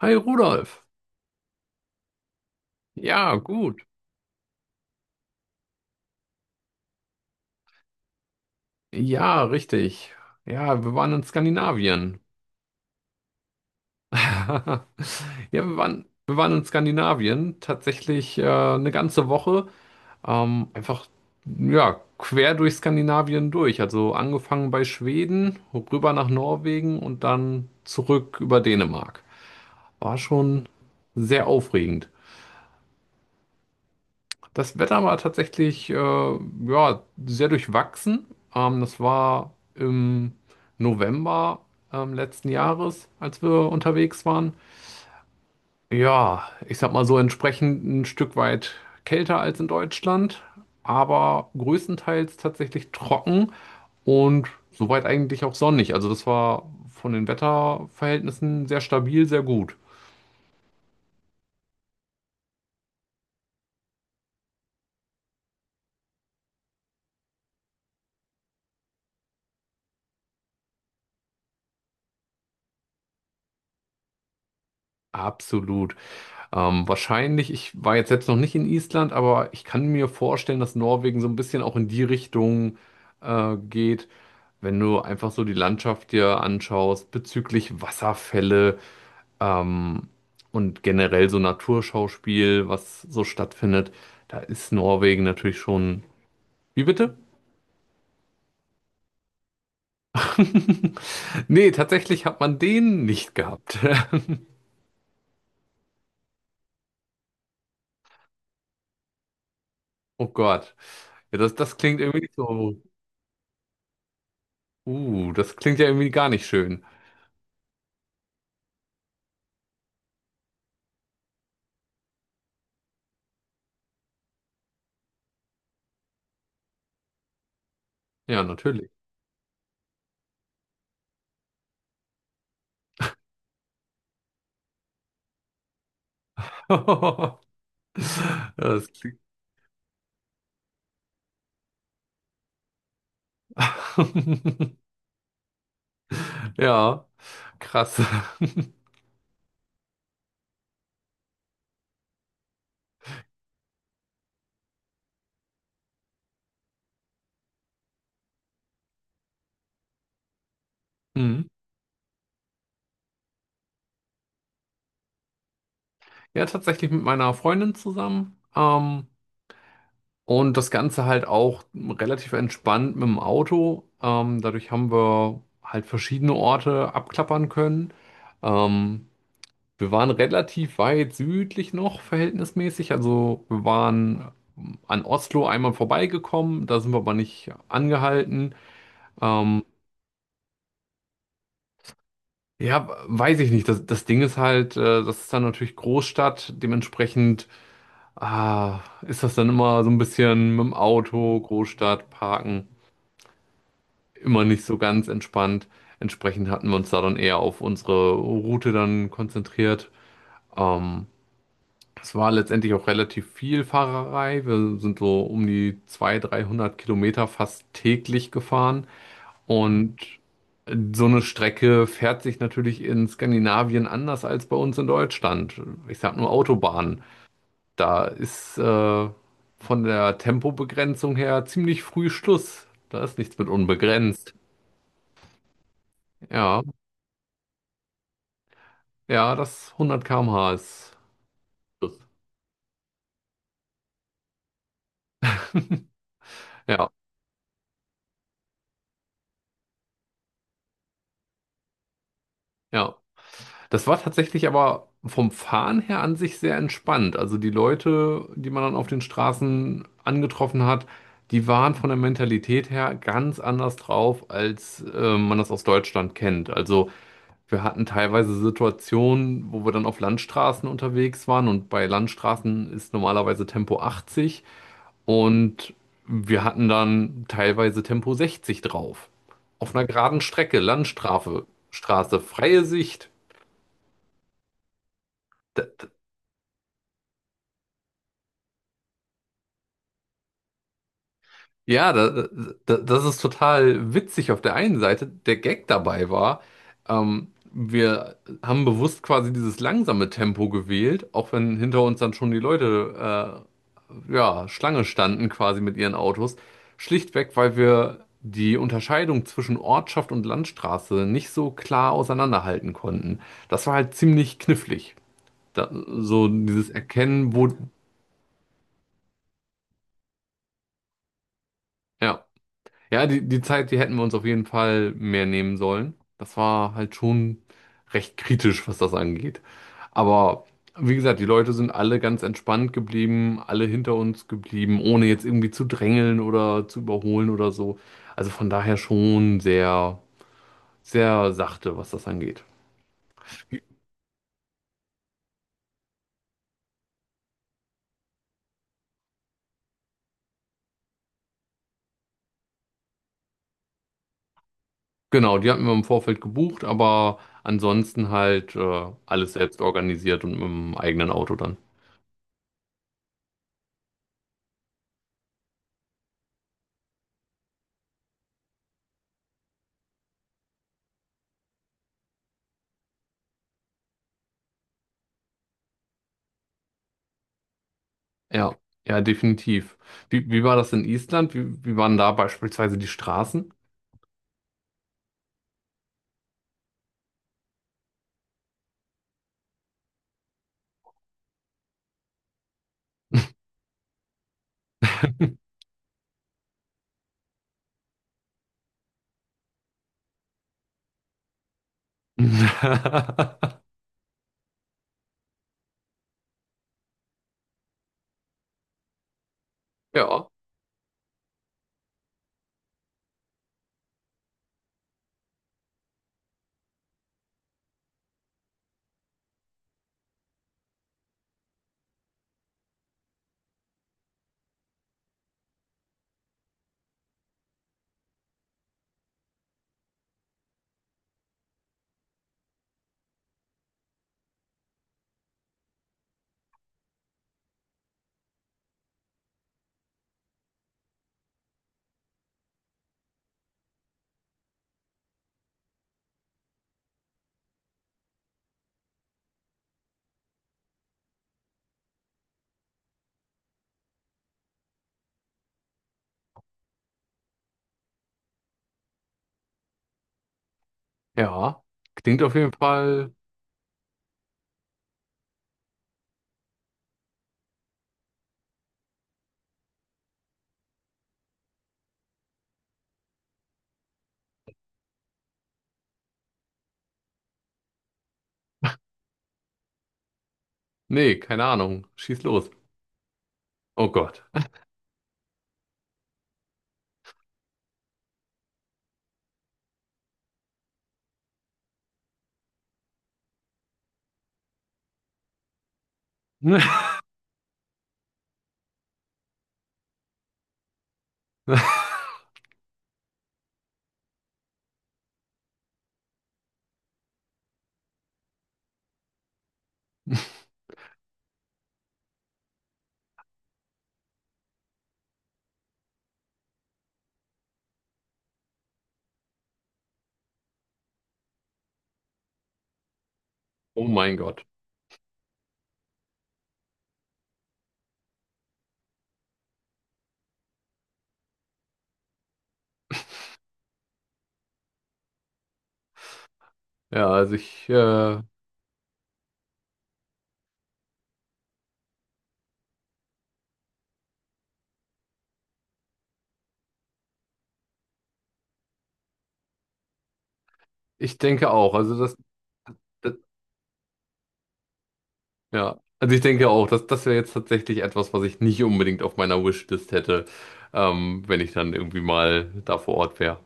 Hi Rudolf. Ja, gut. Ja, richtig. Ja, wir waren in Skandinavien. Ja, wir waren in Skandinavien tatsächlich eine ganze Woche. Einfach, ja, quer durch Skandinavien durch. Also angefangen bei Schweden, rüber nach Norwegen und dann zurück über Dänemark. War schon sehr aufregend. Das Wetter war tatsächlich ja, sehr durchwachsen. Das war im November letzten Jahres, als wir unterwegs waren. Ja, ich sag mal so entsprechend ein Stück weit kälter als in Deutschland, aber größtenteils tatsächlich trocken und soweit eigentlich auch sonnig. Also das war von den Wetterverhältnissen sehr stabil, sehr gut. Absolut. Wahrscheinlich, ich war jetzt selbst noch nicht in Island, aber ich kann mir vorstellen, dass Norwegen so ein bisschen auch in die Richtung geht, wenn du einfach so die Landschaft dir anschaust bezüglich Wasserfälle ähm, und generell so Naturschauspiel, was so stattfindet. Da ist Norwegen natürlich schon. Wie bitte? Nee, tatsächlich hat man den nicht gehabt. Oh Gott. Ja, das, das klingt irgendwie nicht so. Das klingt ja irgendwie gar nicht schön. Ja, natürlich. Ja, das klingt... Ja, krass. Mhm. Ja, tatsächlich mit meiner Freundin zusammen. Und das Ganze halt auch relativ entspannt mit dem Auto. Dadurch haben wir halt verschiedene Orte abklappern können. Ähm, Wir waren relativ weit südlich noch, verhältnismäßig. Also wir waren an Oslo einmal vorbeigekommen, da sind wir aber nicht angehalten. Ähm, ja, weiß ich nicht. Das, das Ding ist halt, das ist dann natürlich Großstadt. Dementsprechend ah, ist das dann immer so ein bisschen mit dem Auto, Großstadt, Parken, immer nicht so ganz entspannt. Entsprechend hatten wir uns da dann eher auf unsere Route dann konzentriert. Ähm, Es war letztendlich auch relativ viel Fahrerei. Wir sind so um die 200, 300 Kilometer fast täglich gefahren. Und so eine Strecke fährt sich natürlich in Skandinavien anders als bei uns in Deutschland. Ich sag nur Autobahn. Da ist von der Tempobegrenzung her ziemlich früh Schluss. Da ist nichts mit unbegrenzt. Ja, ja, das 100 km/h ist Schluss. Ja, ja. Das war tatsächlich aber vom Fahren her an sich sehr entspannt. Also die Leute, die man dann auf den Straßen angetroffen hat, die waren von der Mentalität her ganz anders drauf, als man das aus Deutschland kennt. Also wir hatten teilweise Situationen, wo wir dann auf Landstraßen unterwegs waren und bei Landstraßen ist normalerweise Tempo 80 und wir hatten dann teilweise Tempo 60 drauf. Auf einer geraden Strecke, Landstraße, Straße, freie Sicht. Da- Ja, das ist total witzig auf der einen Seite. Der Gag dabei war, wir haben bewusst quasi dieses langsame Tempo gewählt, auch wenn hinter uns dann schon die Leute, ja, Schlange standen quasi mit ihren Autos. Schlichtweg, weil wir die Unterscheidung zwischen Ortschaft und Landstraße nicht so klar auseinanderhalten konnten. Das war halt ziemlich knifflig. Da, so dieses Erkennen, wo, ja. Ja, die Zeit, die hätten wir uns auf jeden Fall mehr nehmen sollen. Das war halt schon recht kritisch, was das angeht. Aber wie gesagt, die Leute sind alle ganz entspannt geblieben, alle hinter uns geblieben, ohne jetzt irgendwie zu drängeln oder zu überholen oder so. Also von daher schon sehr, sehr sachte, was das angeht. Genau, die hatten wir im Vorfeld gebucht, aber ansonsten halt alles selbst organisiert und mit dem eigenen Auto dann. Ja, ja, definitiv. Wie war das in Island? Wie waren da beispielsweise die Straßen? Ja, ja. Klingt auf jeden Fall. Nee, keine Ahnung. Schieß los. Oh Gott. Oh mein Gott. Ja, also ich denke auch. Also das, ja, also ich denke auch, dass das wäre jetzt tatsächlich etwas, was ich nicht unbedingt auf meiner Wishlist hätte, wenn ich dann irgendwie mal da vor Ort wäre.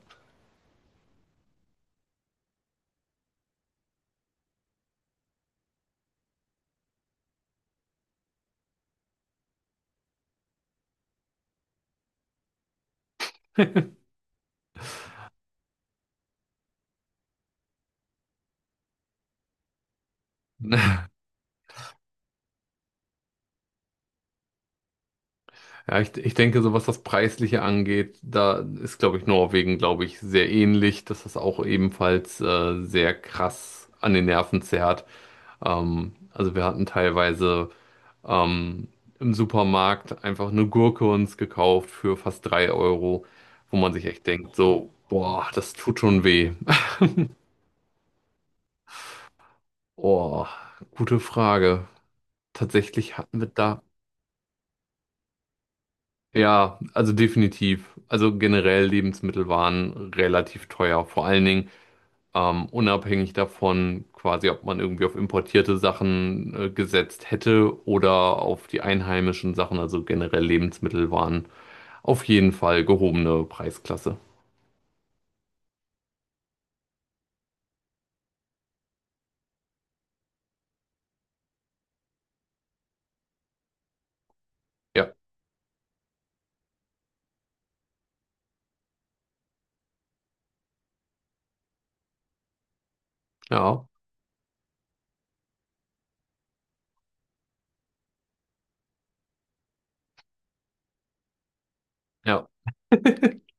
Ja, ich denke, so was das Preisliche angeht, da ist, glaube ich, Norwegen, glaube ich, sehr ähnlich, dass das auch ebenfalls sehr krass an den Nerven zerrt. Also wir hatten teilweise ähm, im Supermarkt einfach eine Gurke uns gekauft für fast 3 Euro, wo man sich echt denkt, so, boah, das tut schon weh. Oh, gute Frage. Tatsächlich hatten wir da, ja, also definitiv. Also generell Lebensmittel waren relativ teuer. Vor allen Dingen unabhängig davon, quasi, ob man irgendwie auf importierte Sachen gesetzt hätte oder auf die einheimischen Sachen, also generell Lebensmittel waren auf jeden Fall gehobene Preisklasse. Ja, ja, ja.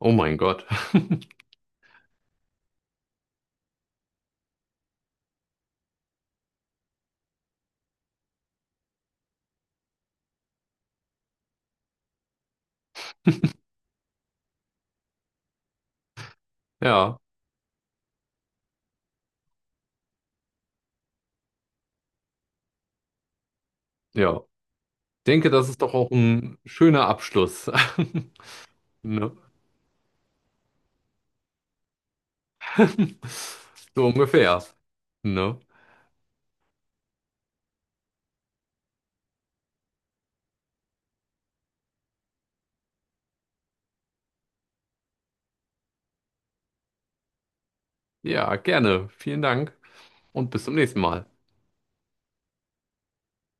Oh mein Gott. Ja, ja. Ich denke, das ist doch auch ein schöner Abschluss. Ne? So ungefähr. Ne? Ja, gerne. Vielen Dank und bis zum nächsten Mal.